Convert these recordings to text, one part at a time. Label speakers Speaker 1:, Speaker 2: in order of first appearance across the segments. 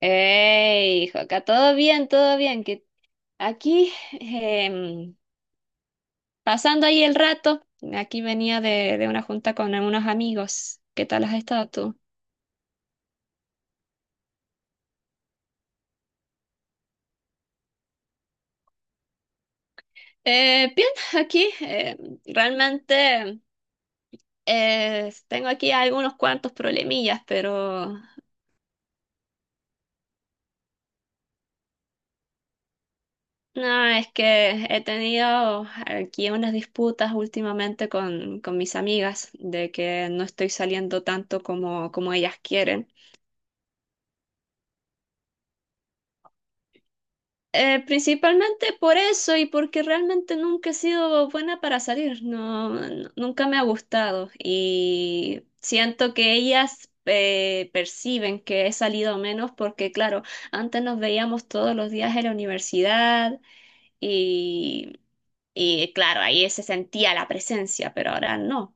Speaker 1: Hey, hijo, acá todo bien, todo bien. Que aquí, em, pasando ahí el rato, aquí venía de una junta con algunos amigos. ¿Qué tal has estado tú? Bien, aquí realmente tengo aquí algunos cuantos problemillas, pero no, es que he tenido aquí unas disputas últimamente con mis amigas de que no estoy saliendo tanto como ellas quieren. Principalmente por eso y porque realmente nunca he sido buena para salir, no, nunca me ha gustado y siento que ellas perciben que he salido menos porque claro, antes nos veíamos todos los días en la universidad y, y claro, ahí se sentía la presencia, pero ahora no.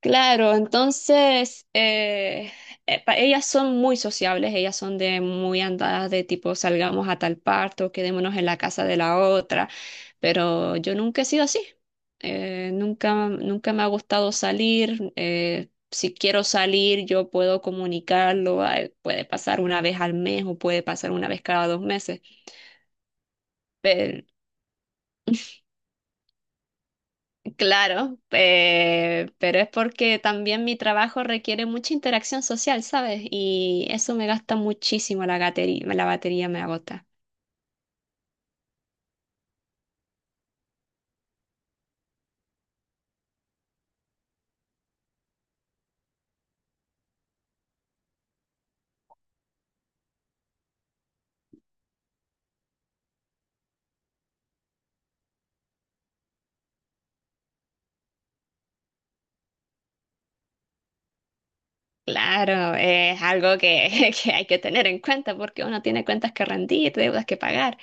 Speaker 1: Claro, entonces ellas son muy sociables, ellas son de muy andadas de tipo salgamos a tal parte o quedémonos en la casa de la otra, pero yo nunca he sido así. Nunca me ha gustado salir, si quiero salir yo puedo comunicarlo, ah, puede pasar una vez al mes o puede pasar una vez cada dos meses. Claro, pero es porque también mi trabajo requiere mucha interacción social, ¿sabes? Y eso me gasta muchísimo la batería me agota. Claro, es algo que, que hay que tener en cuenta porque uno tiene cuentas que rendir, deudas que pagar,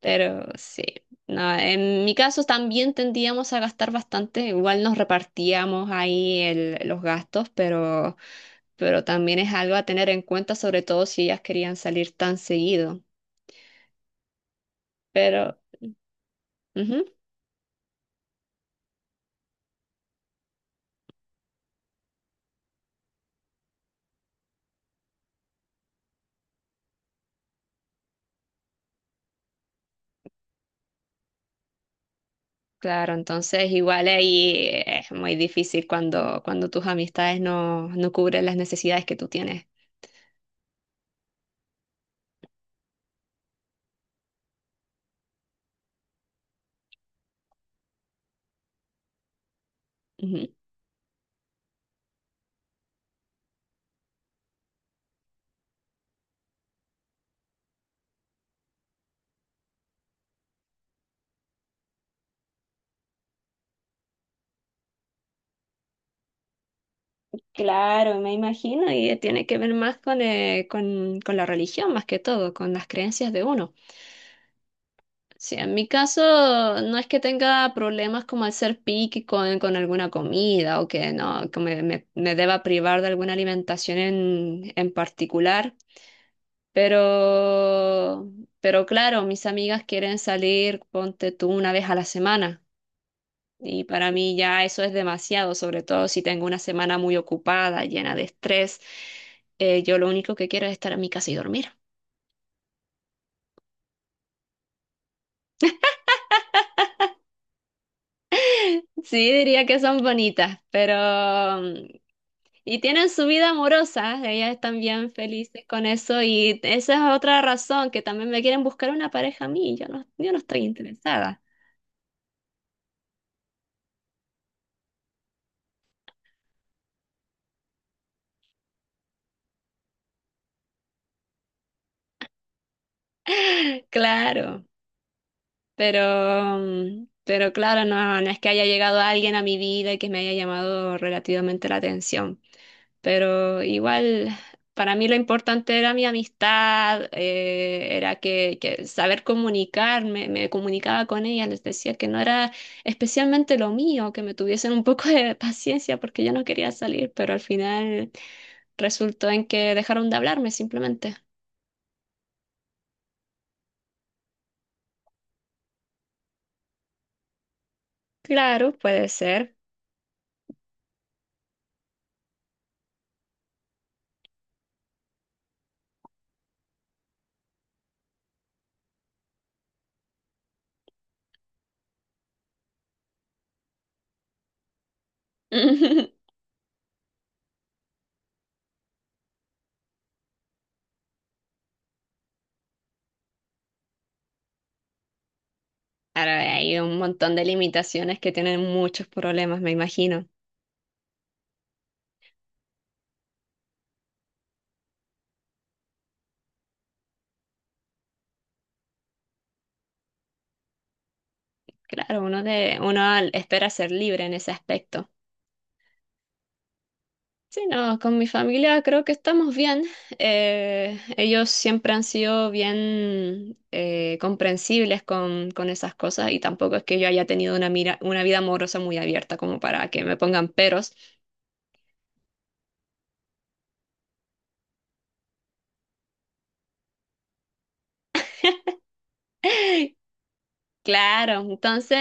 Speaker 1: pero sí, no, en mi caso también tendíamos a gastar bastante, igual nos repartíamos ahí los gastos, pero también es algo a tener en cuenta, sobre todo si ellas querían salir tan seguido. Pero ujú. Claro, entonces igual ahí es muy difícil cuando, cuando tus amistades no, no cubren las necesidades que tú tienes. Ujú. Claro, me imagino, y tiene que ver más con, con la religión, más que todo, con las creencias de uno. Sí, en mi caso no es que tenga problemas como al ser picky con alguna comida o que no, me deba privar de alguna alimentación en particular. Pero, pero claro, mis amigas quieren salir, ponte tú una vez a la semana. Y para mí ya eso es demasiado, sobre todo si tengo una semana muy ocupada, llena de estrés. Yo lo único que quiero es estar en mi casa y dormir. Sí, diría que son bonitas, pero mm, y tienen su vida amorosa, ellas están bien felices con eso y esa es otra razón que también me quieren buscar una pareja a mí, yo no estoy interesada. Claro. Pero, mm, pero claro, no, no es que haya llegado alguien a mi vida y que me haya llamado relativamente la atención. Pero igual, para mí lo importante era mi amistad, era que saber comunicarme, me comunicaba con ella, les decía que no era especialmente lo mío, que me tuviesen un poco de paciencia porque yo no quería salir, pero al final resultó en que dejaron de hablarme simplemente. Claro, puede ser. Ahora hay un montón de limitaciones que tienen muchos problemas, me imagino. Claro, uno espera ser libre en ese aspecto. Sí, no, con mi familia creo que estamos bien. Ellos siempre han sido bien comprensibles con esas cosas y tampoco es que yo haya tenido una mira, una vida amorosa muy abierta como para que me pongan peros. Claro, entonces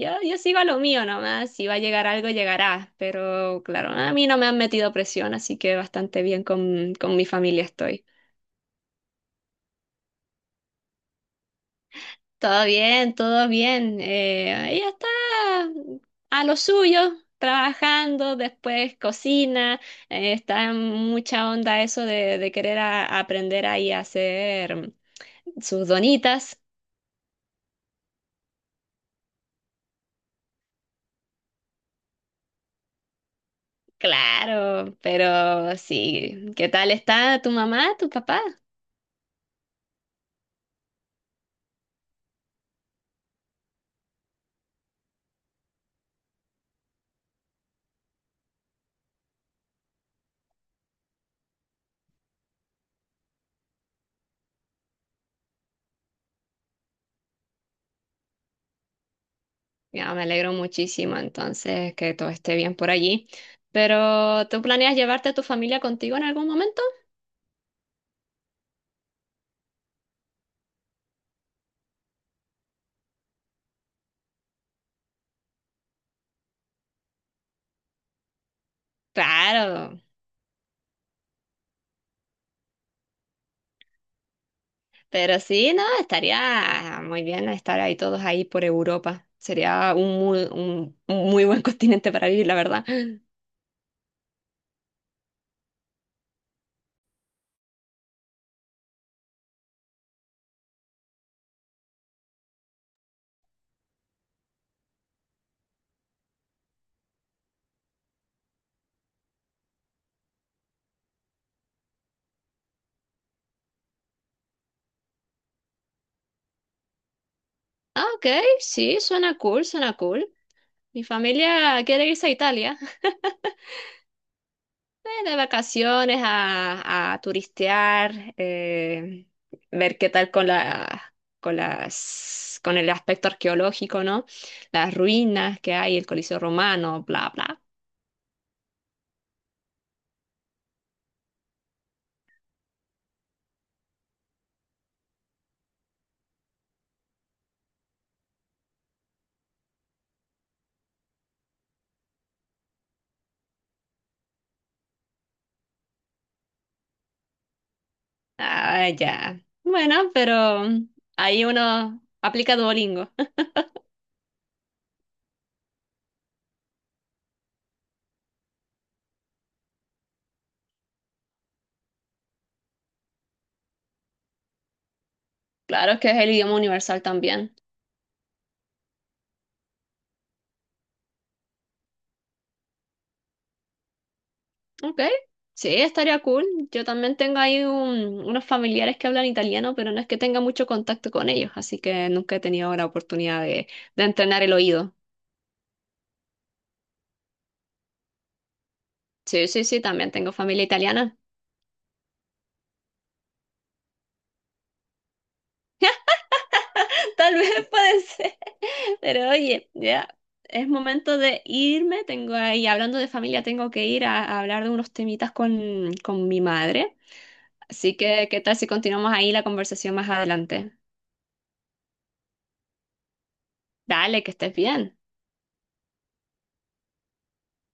Speaker 1: yo sigo a lo mío nomás, si va a llegar algo, llegará, pero claro, a mí no me han metido presión, así que bastante bien con mi familia estoy. Todo bien, todo bien. Eh, ella está a lo suyo, trabajando, después cocina, está en mucha onda eso de querer aprender ahí a hacer sus donitas. Claro, pero sí, ¿qué tal está tu mamá, tu papá? Ya, me alegro muchísimo entonces que todo esté bien por allí. Pero, ¿tú planeas llevarte a tu familia contigo en algún momento? Claro, pero sí, no, estaría muy bien estar ahí todos ahí por Europa. Sería un muy buen continente para vivir, la verdad. Ah, ok, sí, suena cool, suena cool. Mi familia quiere irse a Italia. De vacaciones a turistear, ver qué tal con la, con las, con el aspecto arqueológico, ¿no? Las ruinas que hay, el Coliseo Romano, bla, bla. Ah, ya. Bueno, pero ahí uno aplica Duolingo. Claro que es el idioma universal también. Ok, sí, estaría cool. Yo también tengo ahí unos familiares que hablan italiano, pero no es que tenga mucho contacto con ellos, así que nunca he tenido la oportunidad de entrenar el oído. Sí, también tengo familia italiana. Tal vez puede ser. Pero oye, ya es momento de irme. Tengo ahí, hablando de familia, tengo que ir a hablar de unos temitas con mi madre. Así que, ¿qué tal si continuamos ahí la conversación más adelante? Dale, que estés bien.